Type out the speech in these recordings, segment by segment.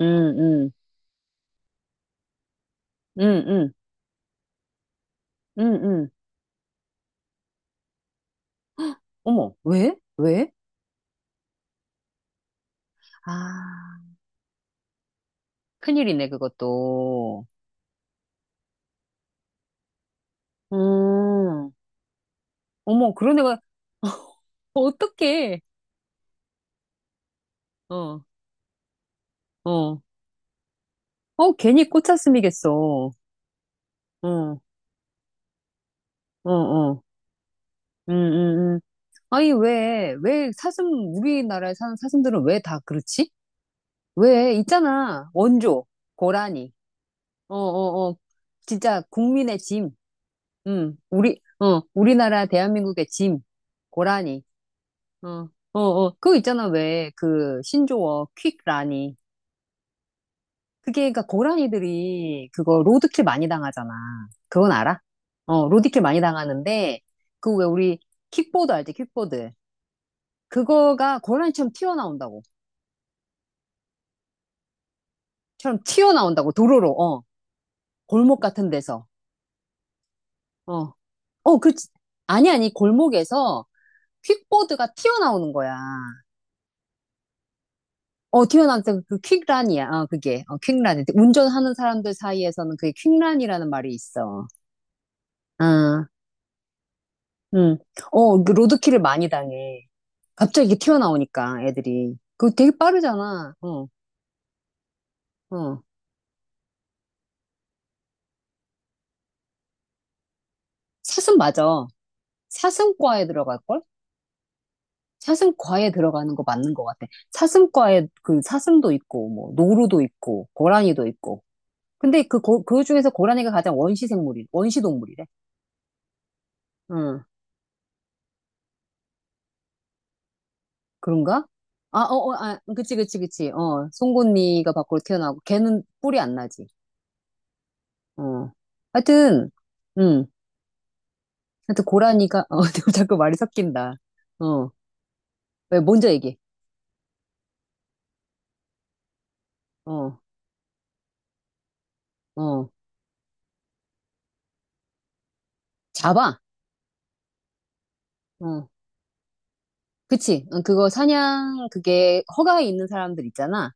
음, 음, 음, 음, 음, 음. 어머, 왜? 왜? 아, 큰일이네, 그것도. 음, 어머, 그런 애가, 어, 어떡해. 어, 어. 어, 괜히 꽃사슴이겠어. 어, 어, 어. 음, 음, 음. 아니, 왜 사슴, 우리나라에 사는 사슴들은 왜 다 그렇지? 왜, 있잖아. 원조, 고라니. 어, 어, 어. 진짜 국민의 짐. 우리, 어, 우리나라 대한민국의 짐. 고라니. 어, 어, 어. 그거 있잖아, 왜, 그, 신조어, 퀵라니. 그게, 그니까, 고라니들이, 그거, 로드킬 많이 당하잖아. 그건 알아? 어, 로드킬 많이 당하는데, 그 왜 우리, 킥보드 알지, 킥보드. 그거가 고라니처럼 튀어나온다고. 처럼 튀어나온다고, 도로로, 어. 골목 같은 데서. 어, 어, 그, 아니, 골목에서 퀵보드가 튀어나오는 거야. 어, 튀어나왔때그 퀵란이야. 어, 그게. 어, 퀵란. 운전하는 사람들 사이에서는 그게 퀵란이라는 말이 있어. 아, 음, 어, 그 로드킬을 많이 당해. 갑자기 이렇게 튀어나오니까, 애들이. 그거 되게 빠르잖아. 어, 어. 사슴 맞아. 사슴과에 들어갈걸? 사슴과에 들어가는 거 맞는 것 같아. 사슴과에 그 사슴도 있고, 뭐, 노루도 있고, 고라니도 있고. 근데 그, 고, 그 중에서 고라니가 가장 원시 생물이, 원시 동물이래. 응, 그런가? 아, 어, 어, 아, 그치. 어, 송곳니가 밖으로 튀어나오고, 걔는 뿔이 안 나지. 어. 하여튼, 응. 하여튼 고라니가 어 내가 자꾸 말이 섞인다. 어. 왜 먼저 얘기해. 어. 어. 잡아. 어. 그치. 어, 그거 사냥 그게 허가에 있는 사람들 있잖아.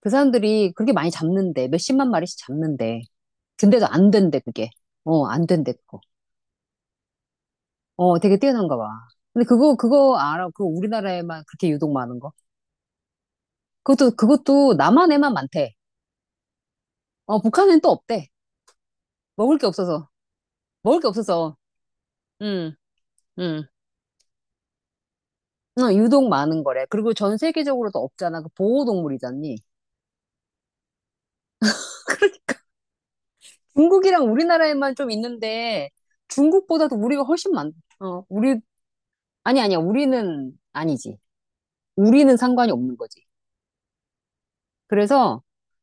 그 사람들이 그렇게 많이 잡는데 몇십만 마리씩 잡는데. 근데도 안 된대 그게. 어, 안 된대 그거. 어, 되게 뛰어난가 봐. 근데 그거 알아? 그 우리나라에만 그렇게 유독 많은 거. 그것도 남한에만 많대. 어, 북한엔 또 없대. 먹을 게 없어서. 먹을 게 없어서. 음. 음. 어, 유독 많은 거래. 그리고 전 세계적으로도 없잖아. 그 보호동물이잖니. 중국이랑 우리나라에만 좀 있는데 중국보다도 우리가 훨씬 많, 어, 우리, 아니, 아니야. 우리는 아니지. 우리는 상관이 없는 거지. 그래서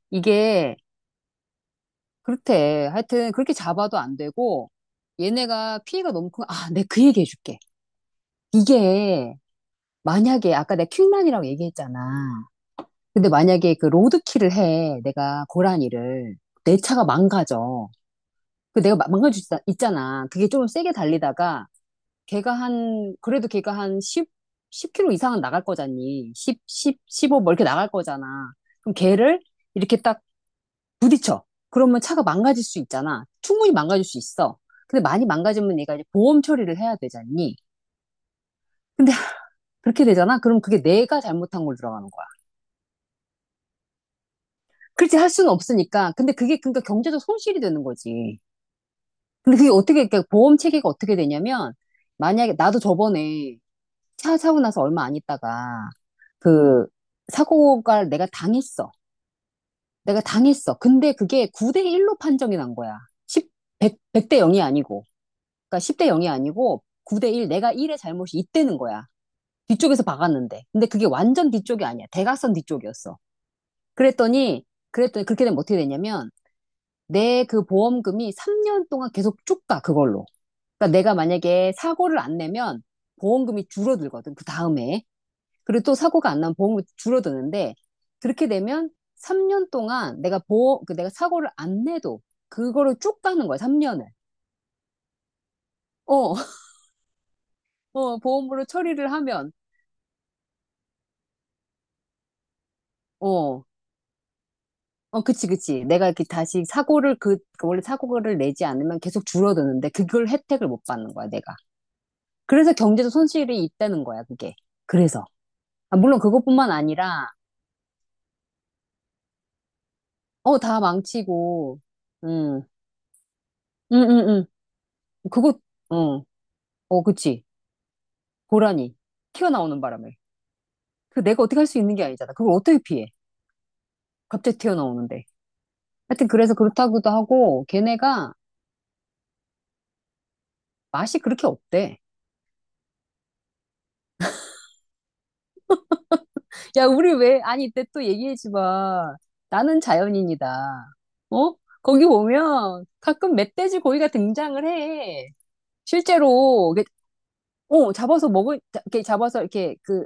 이게 그렇대. 하여튼 그렇게 잡아도 안 되고 얘네가 피해가 너무 큰, 아, 내가 그 얘기 해줄게. 이게 만약에 아까 내가 퀵만이라고 얘기했잖아. 근데 만약에 그 로드킬을 해. 내가 고라니를. 내 차가 망가져. 그 내가 막- 망가질 수 있- 있잖아. 그게 좀 세게 달리다가 걔가 한 그래도 걔가 한 10, 10km 이상은 나갈 거잖니. 10, 10, 15 뭐 이렇게 나갈 거잖아. 그럼 걔를 이렇게 딱 부딪혀. 그러면 차가 망가질 수 있잖아. 충분히 망가질 수 있어. 근데 많이 망가지면 얘가 이제 보험 처리를 해야 되잖니. 근데 그렇게 되잖아. 그럼 그게 내가 잘못한 걸 들어가는 거야. 그렇지 할 수는 없으니까. 근데 그게 그러니까 경제적 손실이 되는 거지. 근데 그게 어떻게 그러니까 보험 체계가 어떻게 되냐면 만약에 나도 저번에 차 사고 나서 얼마 안 있다가 그 사고가 내가 당했어. 내가 당했어. 근데 그게 9대 1로 판정이 난 거야. 10, 0대 0이 아니고. 그러니까 10대 0이 아니고 9대 1. 내가 1의 잘못이 있다는 거야. 뒤쪽에서 박았는데. 근데 그게 완전 뒤쪽이 아니야. 대각선 뒤쪽이었어. 그랬더니 그랬더니 그렇게 되면 어떻게 되냐면 내 그 보험금이 3년 동안 계속 쭉 가 그걸로. 그러니까 내가 만약에 사고를 안 내면 보험금이 줄어들거든. 그 다음에. 그리고 또 사고가 안 나면 보험이 줄어드는데 그렇게 되면 3년 동안 내가 보험, 그 내가 사고를 안 내도 그거를 쭉 가는 거야, 3년을. 어, 어, 보험으로 처리를 하면, 어, 어, 그치, 그치. 내가 이렇게 다시 사고를 그, 그 원래 사고를 내지 않으면 계속 줄어드는데 그걸 혜택을 못 받는 거야, 내가. 그래서 경제적 손실이 있다는 거야, 그게. 그래서. 아, 물론 그것뿐만 아니라, 어, 다 망치고, 음, 음, 음, 음. 그거, 어, 어, 그치. 고라니 튀어나오는 바람에 그 내가 어떻게 할 수 있는 게 아니잖아. 그걸 어떻게 피해? 갑자기 튀어나오는데. 하여튼 그래서 그렇다고도 하고 걔네가 맛이 그렇게 없대. 야, 우리 왜 아니 이때 또 얘기하지 마. 나는 자연인이다. 어? 거기 보면 가끔 멧돼지 고기가 등장을 해. 실제로 이게- 어 잡아서 먹을 자- 이렇게 잡아서 이렇게 그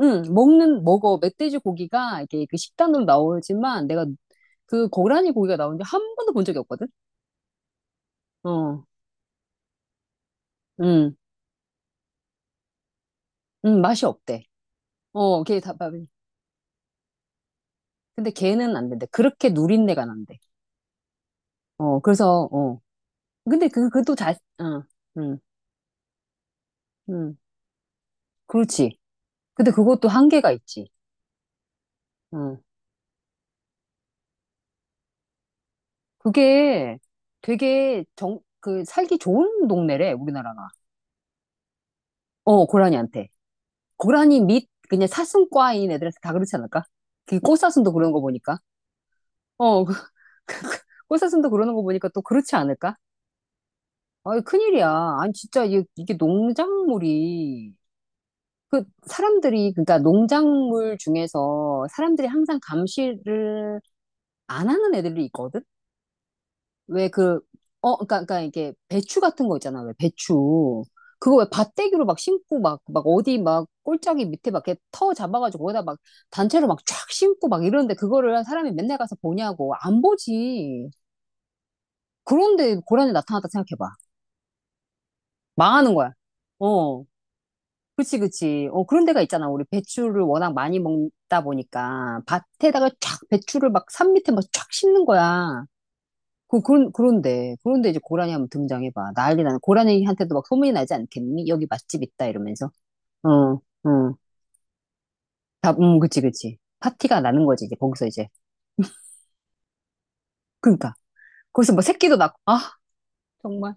응, 먹는 먹어 멧돼지 고기가 이렇게 그 식단으로 나오지만 내가 그 고라니 고기가 나오는지 한 번도 본 적이 없거든. 어. 음, 맛이 없대. 어, 걔 닭발이. 근데 걔는 안 된대. 그렇게 누린내가 난대. 어, 그래서, 어. 근데 그, 그것도 잘, 어, 음, 음, 그렇지. 근데 그것도 한계가 있지. 어. 그게 되게 정, 그, 살기 좋은 동네래, 우리나라가. 어, 고라니한테. 고라니 밑, 그냥 사슴과인 애들한테 다 그렇지 않을까? 그 꽃사슴도 그런 거 보니까. 어, 그- 꽃사슴도 그러는 거 보니까 또 그렇지 않을까? 아 큰일이야. 아니, 진짜, 이게 농작물이 그 사람들이 그러니까 농작물 중에서 사람들이 항상 감시를 안 하는 애들이 있거든. 왜 그 어 그러니까 이게 배추 같은 거 있잖아. 왜 배추 그거 왜 밭대기로 막 심고 막 막 어디 막 꼴짝이 밑에 막 이렇게 터 잡아가지고 거기다 막 단체로 막 쫙 심고 막 이러는데 그거를 사람이 맨날 가서 보냐고 안 보지. 그런데 고란이 나타났다 생각해봐. 망하는 거야. 어. 그치, 그치. 어, 그런 데가 있잖아. 우리 배추를 워낙 많이 먹다 보니까 밭에다가 쫙 배추를 막 산 밑에 막 쫙 심는 거야. 그, 그런, 그런데, 그런데 이제 고라니 한번 등장해봐. 난리 나는, 고라니한테도 막 소문이 나지 않겠니? 여기 맛집 있다, 이러면서. 어, 어. 다, 그치, 그치. 파티가 나는 거지, 이제 거기서 이제. 그니까. 러 거기서 뭐 새끼도 낳고, 아, 정말.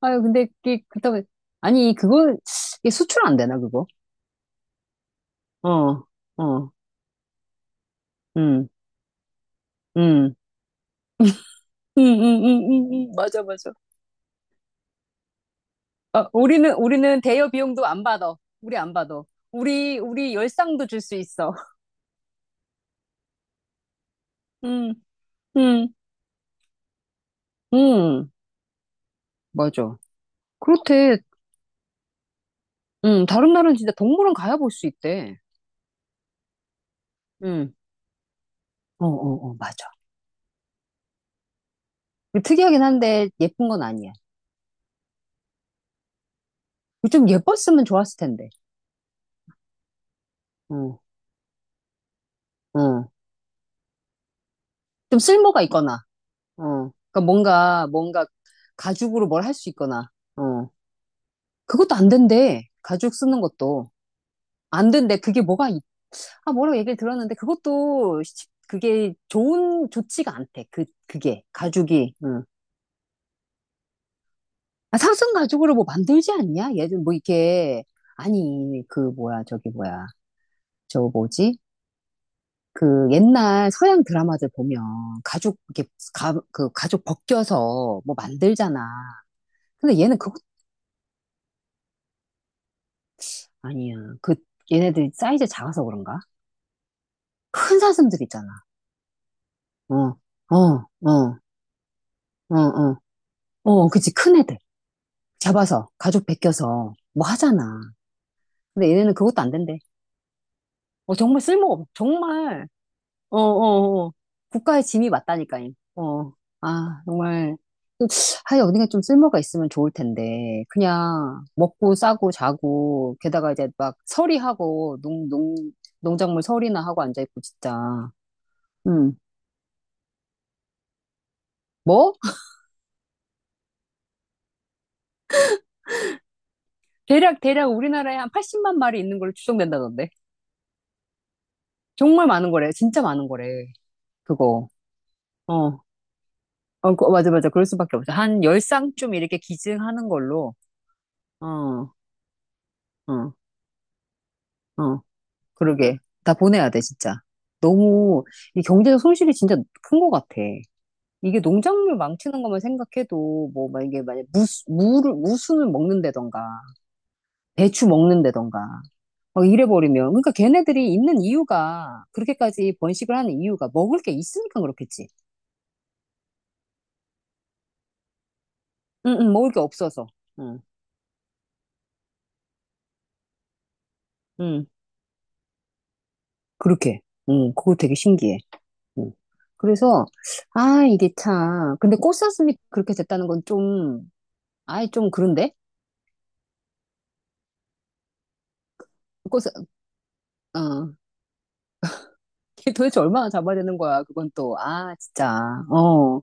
아유, 근데 이게, 그렇다고, 아니, 그거, 이게 수출 안 되나, 그거? 어, 어, 음, 음. 응, 응, 응, 응, 응, 맞아, 맞아. 어, 우리는, 우리는 대여 비용도 안 받아. 우리 안 받아. 우리, 우리 열상도 줄 수 있어. 음, 음, 음, 맞아. 그렇대. 다른 나라는 진짜 동물원 가야 볼 수 있대. 음, 어, 어, 어, 맞아. 특이하긴 한데 예쁜 건 아니야. 좀 예뻤으면 좋았을 텐데. 어, 어. 좀 쓸모가 있거나, 어. 그러니까 뭔가, 뭔가 가죽으로 뭘 할 수 있거나, 어. 그것도 안 된대. 가죽 쓰는 것도. 안 된대. 그게 뭐가 아, 뭐라고 얘기를 들었는데 그것도 시- 그게 좋은 좋지가 않대. 그 그게 가죽이. 응. 아, 사슴 가죽으로 뭐 만들지 않냐? 예전 뭐 이게 아니 그 뭐야 저기 뭐야 저 뭐지? 그 옛날 서양 드라마들 보면 가죽 이렇게 가, 그 가죽 벗겨서 뭐 만들잖아. 근데 얘는 그것 아니야. 그 얘네들이 사이즈 작아서 그런가? 큰 사슴들 있잖아. 어, 어, 어, 어, 어, 어, 그치 큰 애들. 잡아서 가족 베껴서 뭐 하잖아. 근데 얘네는 그것도 안 된대. 어, 정말 쓸모없, 정말, 어, 어, 어. 국가의 짐이 맞다니까요. 어. 아, 정말. 하여 어딘가 좀 쓸모가 있으면 좋을 텐데. 그냥 먹고 싸고 자고, 게다가 이제 막 서리하고, 농, 농, 농작물 서리나 하고 앉아있고, 진짜. 음. 뭐? 대략, 대략 우리나라에 한 80만 마리 있는 걸로 추정된다던데. 정말 많은 거래. 진짜 많은 거래. 그거. 어. 어, 그- 어, 맞아, 맞아. 그럴 수밖에 없어. 한 열 쌍쯤 이렇게 기증하는 걸로. 어, 어, 어. 그러게. 다 보내야 돼, 진짜. 너무, 이 경제적 손실이 진짜 큰 것 같아. 이게 농작물 망치는 것만 생각해도, 뭐, 막 이게 만약 무, 무를, 무순을 먹는다던가, 배추 먹는다던가, 막 이래버리면. 그러니까 걔네들이 있는 이유가, 그렇게까지 번식을 하는 이유가 먹을 게 있으니까 그렇겠지. 응, 응, 먹을 게 없어서. 응, 응, 그렇게. 응, 그거 되게 신기해. 음. 그래서, 아, 이게 참. 근데 꽃사슴이 그렇게 됐다는 건 좀, 아이, 좀 그런데? 꽃사, 어. 걔 도대체 얼마나 잡아야 되는 거야, 그건 또. 아, 진짜. 어.